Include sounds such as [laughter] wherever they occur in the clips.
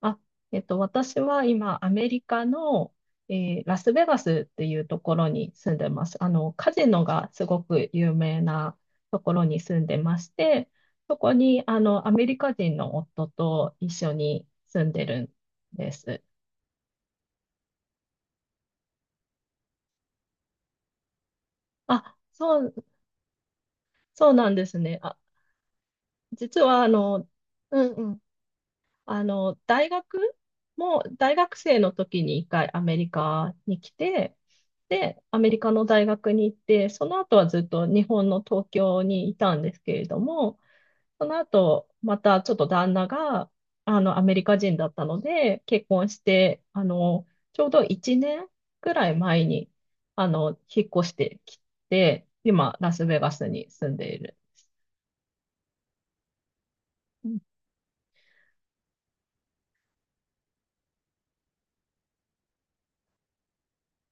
あ、私は今、アメリカの、ラスベガスっていうところに住んでます。カジノがすごく有名なところに住んでまして、そこに、アメリカ人の夫と一緒に住んでるんです。あ、そう、そうなんですね。あ、実は、うんうん、あの、大学大学生の時に一回アメリカに来て、で、アメリカの大学に行って、その後はずっと日本の東京にいたんですけれども、その後、またちょっと旦那が、アメリカ人だったので、結婚して、ちょうど1年くらい前に、引っ越してきて、今、ラスベガスに住んでいる。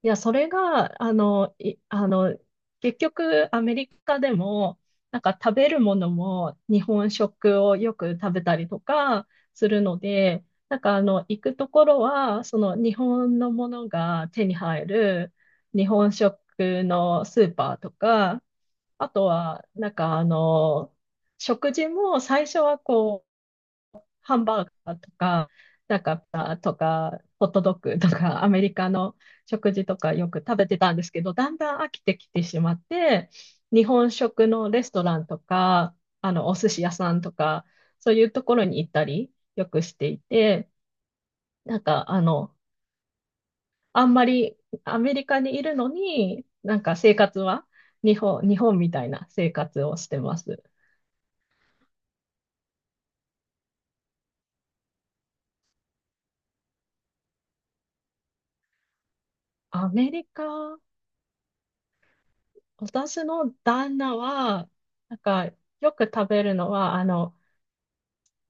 いや、それが、あの、い、あの、結局、アメリカでも、なんか食べるものも日本食をよく食べたりとかするので、なんか、行くところは、その日本のものが手に入る日本食のスーパーとか、あとは、なんか、食事も最初はこう、ハンバーガーとか、なんか、ホットドッグとか、[laughs] アメリカの食事とかよく食べてたんですけど、だんだん飽きてきてしまって、日本食のレストランとか、お寿司屋さんとか、そういうところに行ったり、よくしていて、なんか、あんまりアメリカにいるのに、なんか生活は日本みたいな生活をしてます。アメリカ私の旦那は、なんか、よく食べるのは、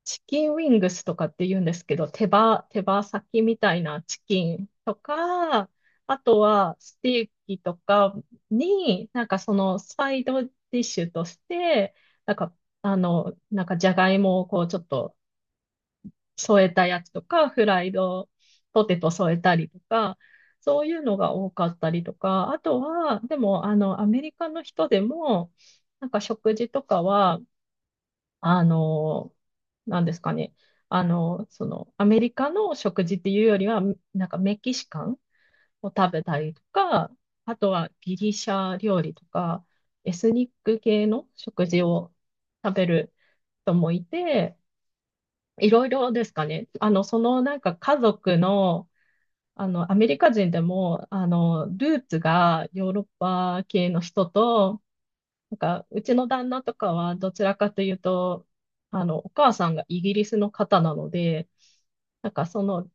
チキンウィングスとかって言うんですけど、手羽先みたいなチキンとか、あとはステーキとかに、なんかそのサイドディッシュとして、なんか、なんかじゃがいもをこうちょっと添えたやつとか、フライドポテト添えたりとか、そういうのが多かったりとか、あとは、でも、アメリカの人でも、なんか食事とかは、あの、なんですかね、アメリカの食事っていうよりは、なんかメキシカンを食べたりとか、あとはギリシャ料理とか、エスニック系の食事を食べる人もいて、いろいろですかね。そのなんか家族の、アメリカ人でも、ルーツがヨーロッパ系の人と、なんか、うちの旦那とかはどちらかというと、お母さんがイギリスの方なので、なんかその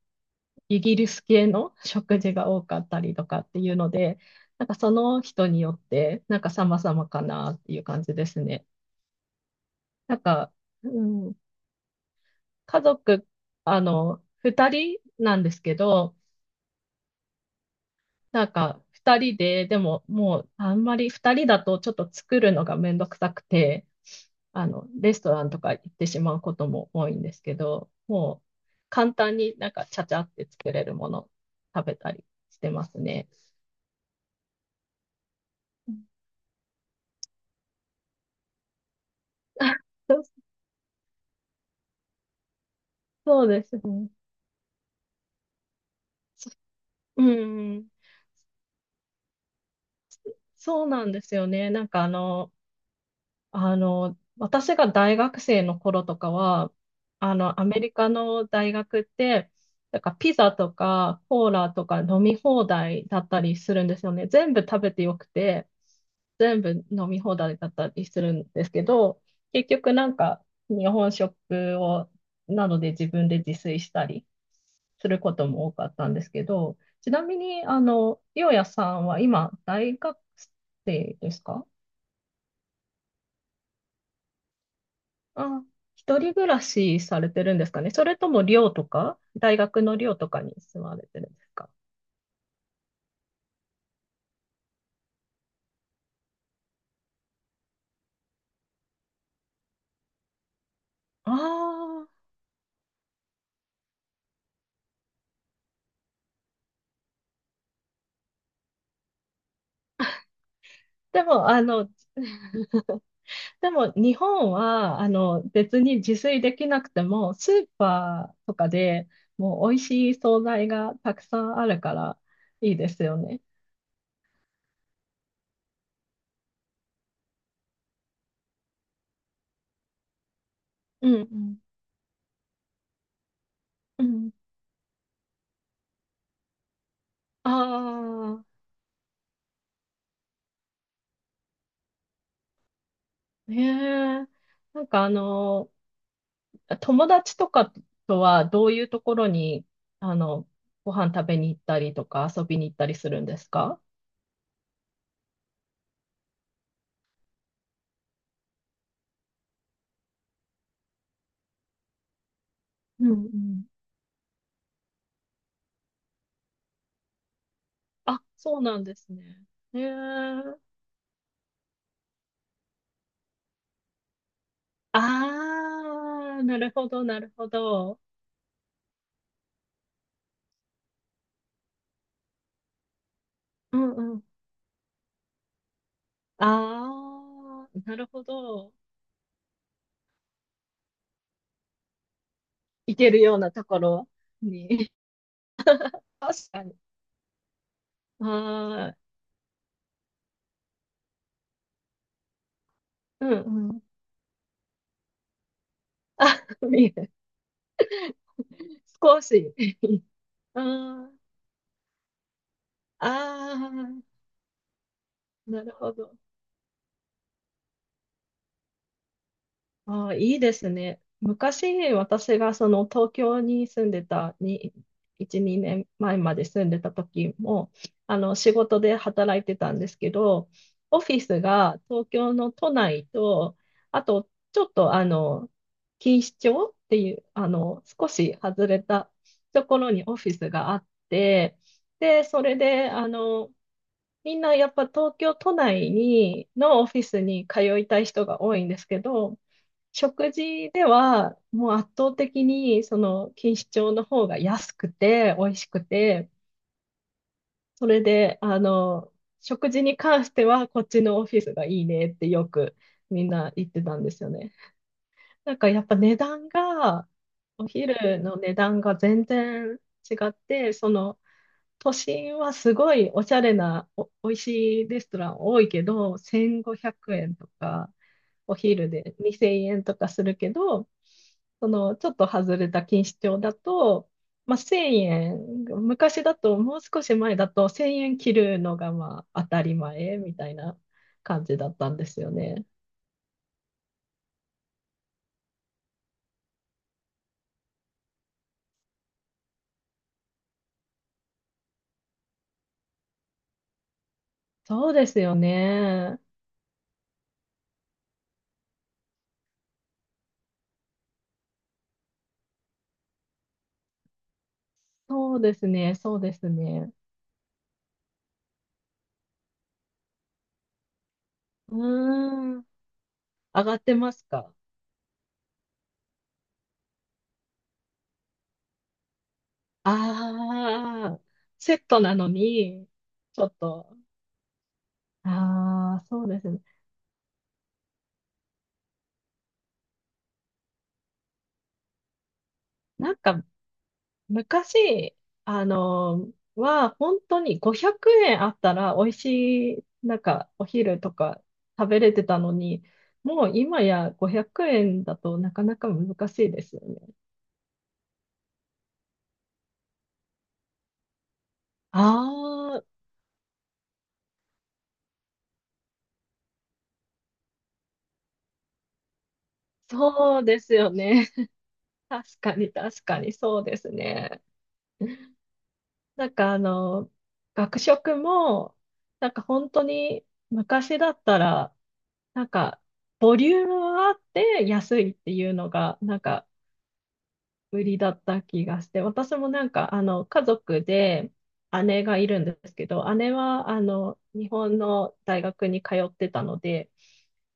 イギリス系の食事が多かったりとかっていうので、なんかその人によって、なんか様々かなっていう感じですね。なんか、うん、家族の二人なんですけど、なんか、二人で、でももう、あんまり二人だとちょっと作るのがめんどくさくて、レストランとか行ってしまうことも多いんですけど、もう、簡単になんか、ちゃちゃって作れるもの食べたりしてますね。うん。 [laughs] そうですね。うん。そうなんですよね。なんか、私が大学生の頃とかは、アメリカの大学って、なんかピザとかコーラとか飲み放題だったりするんですよね。全部食べてよくて、全部飲み放題だったりするんですけど、結局なんか日本食を、なので自分で自炊したりすることも多かったんですけど、ちなみに、ようやさんは今大学生ですか？あ、一人暮らしされてるんですかね。それとも寮とか、大学の寮とかに住まれてるんですか。ああ、でも、[laughs] でも日本は、別に自炊できなくても、スーパーとかでもう美味しい惣菜がたくさんあるからいいですよね。うんうん。うん。ああ、ねえ。なんか、友達とかとはどういうところに、あの、ご飯食べに行ったりとか遊びに行ったりするんですか？うんうん。あ、そうなんですね。へえ。ああ、なるほど、なるほど。うんうん。ああ、なるほど。行けるようなところに。[laughs] 確かに。ああ、うんうん。あ、見える。少し。あー、ああ、なるほど。ああ、いいですね。昔、私がその東京に住んでたに、1、2年前まで住んでた時も、あの仕事で働いてたんですけど、オフィスが東京の都内と、あとちょっと錦糸町っていう、少し外れたところにオフィスがあって、で、それで、みんなやっぱ東京都内にのオフィスに通いたい人が多いんですけど、食事では、もう圧倒的に、その、錦糸町の方が安くて、美味しくて、それで、食事に関しては、こっちのオフィスがいいねってよくみんな言ってたんですよね。なんかやっぱ値段が、お昼の値段が全然違って、その、都心はすごいおしゃれな美味しいレストラン多いけど、1500円とか、お昼で2000円とかするけど、そのちょっと外れた錦糸町だと、まあ、1000円、昔だと、もう少し前だと1000円切るのがまあ当たり前みたいな感じだったんですよね。そうですよね。そうですね、そうですね。うーん、上がってますか？ああ、セットなのに、ちょっと、ああ、そうですね。なんか、昔、本当に500円あったら、美味しい、なんか、お昼とか食べれてたのに、もう今や500円だとなかなか難しいですよね。ああ、そうですよね。[laughs] 確かに、確かに、そうですね。なんか、学食も、なんか本当に昔だったら、なんかボリュームはあって安いっていうのが、なんか売りだった気がして、私もなんか、家族で姉がいるんですけど、姉は日本の大学に通ってたので、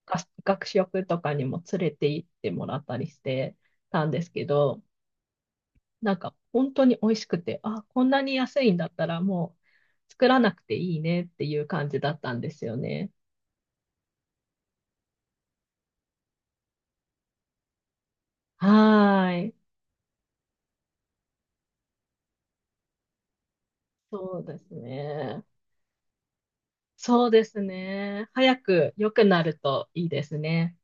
が学食とかにも連れて行ってもらったりしてたんですけど、なんか本当に美味しくて、あ、こんなに安いんだったらもう作らなくていいねっていう感じだったんですよね。はーい。そうですね。そうですね。早く良くなるといいですね。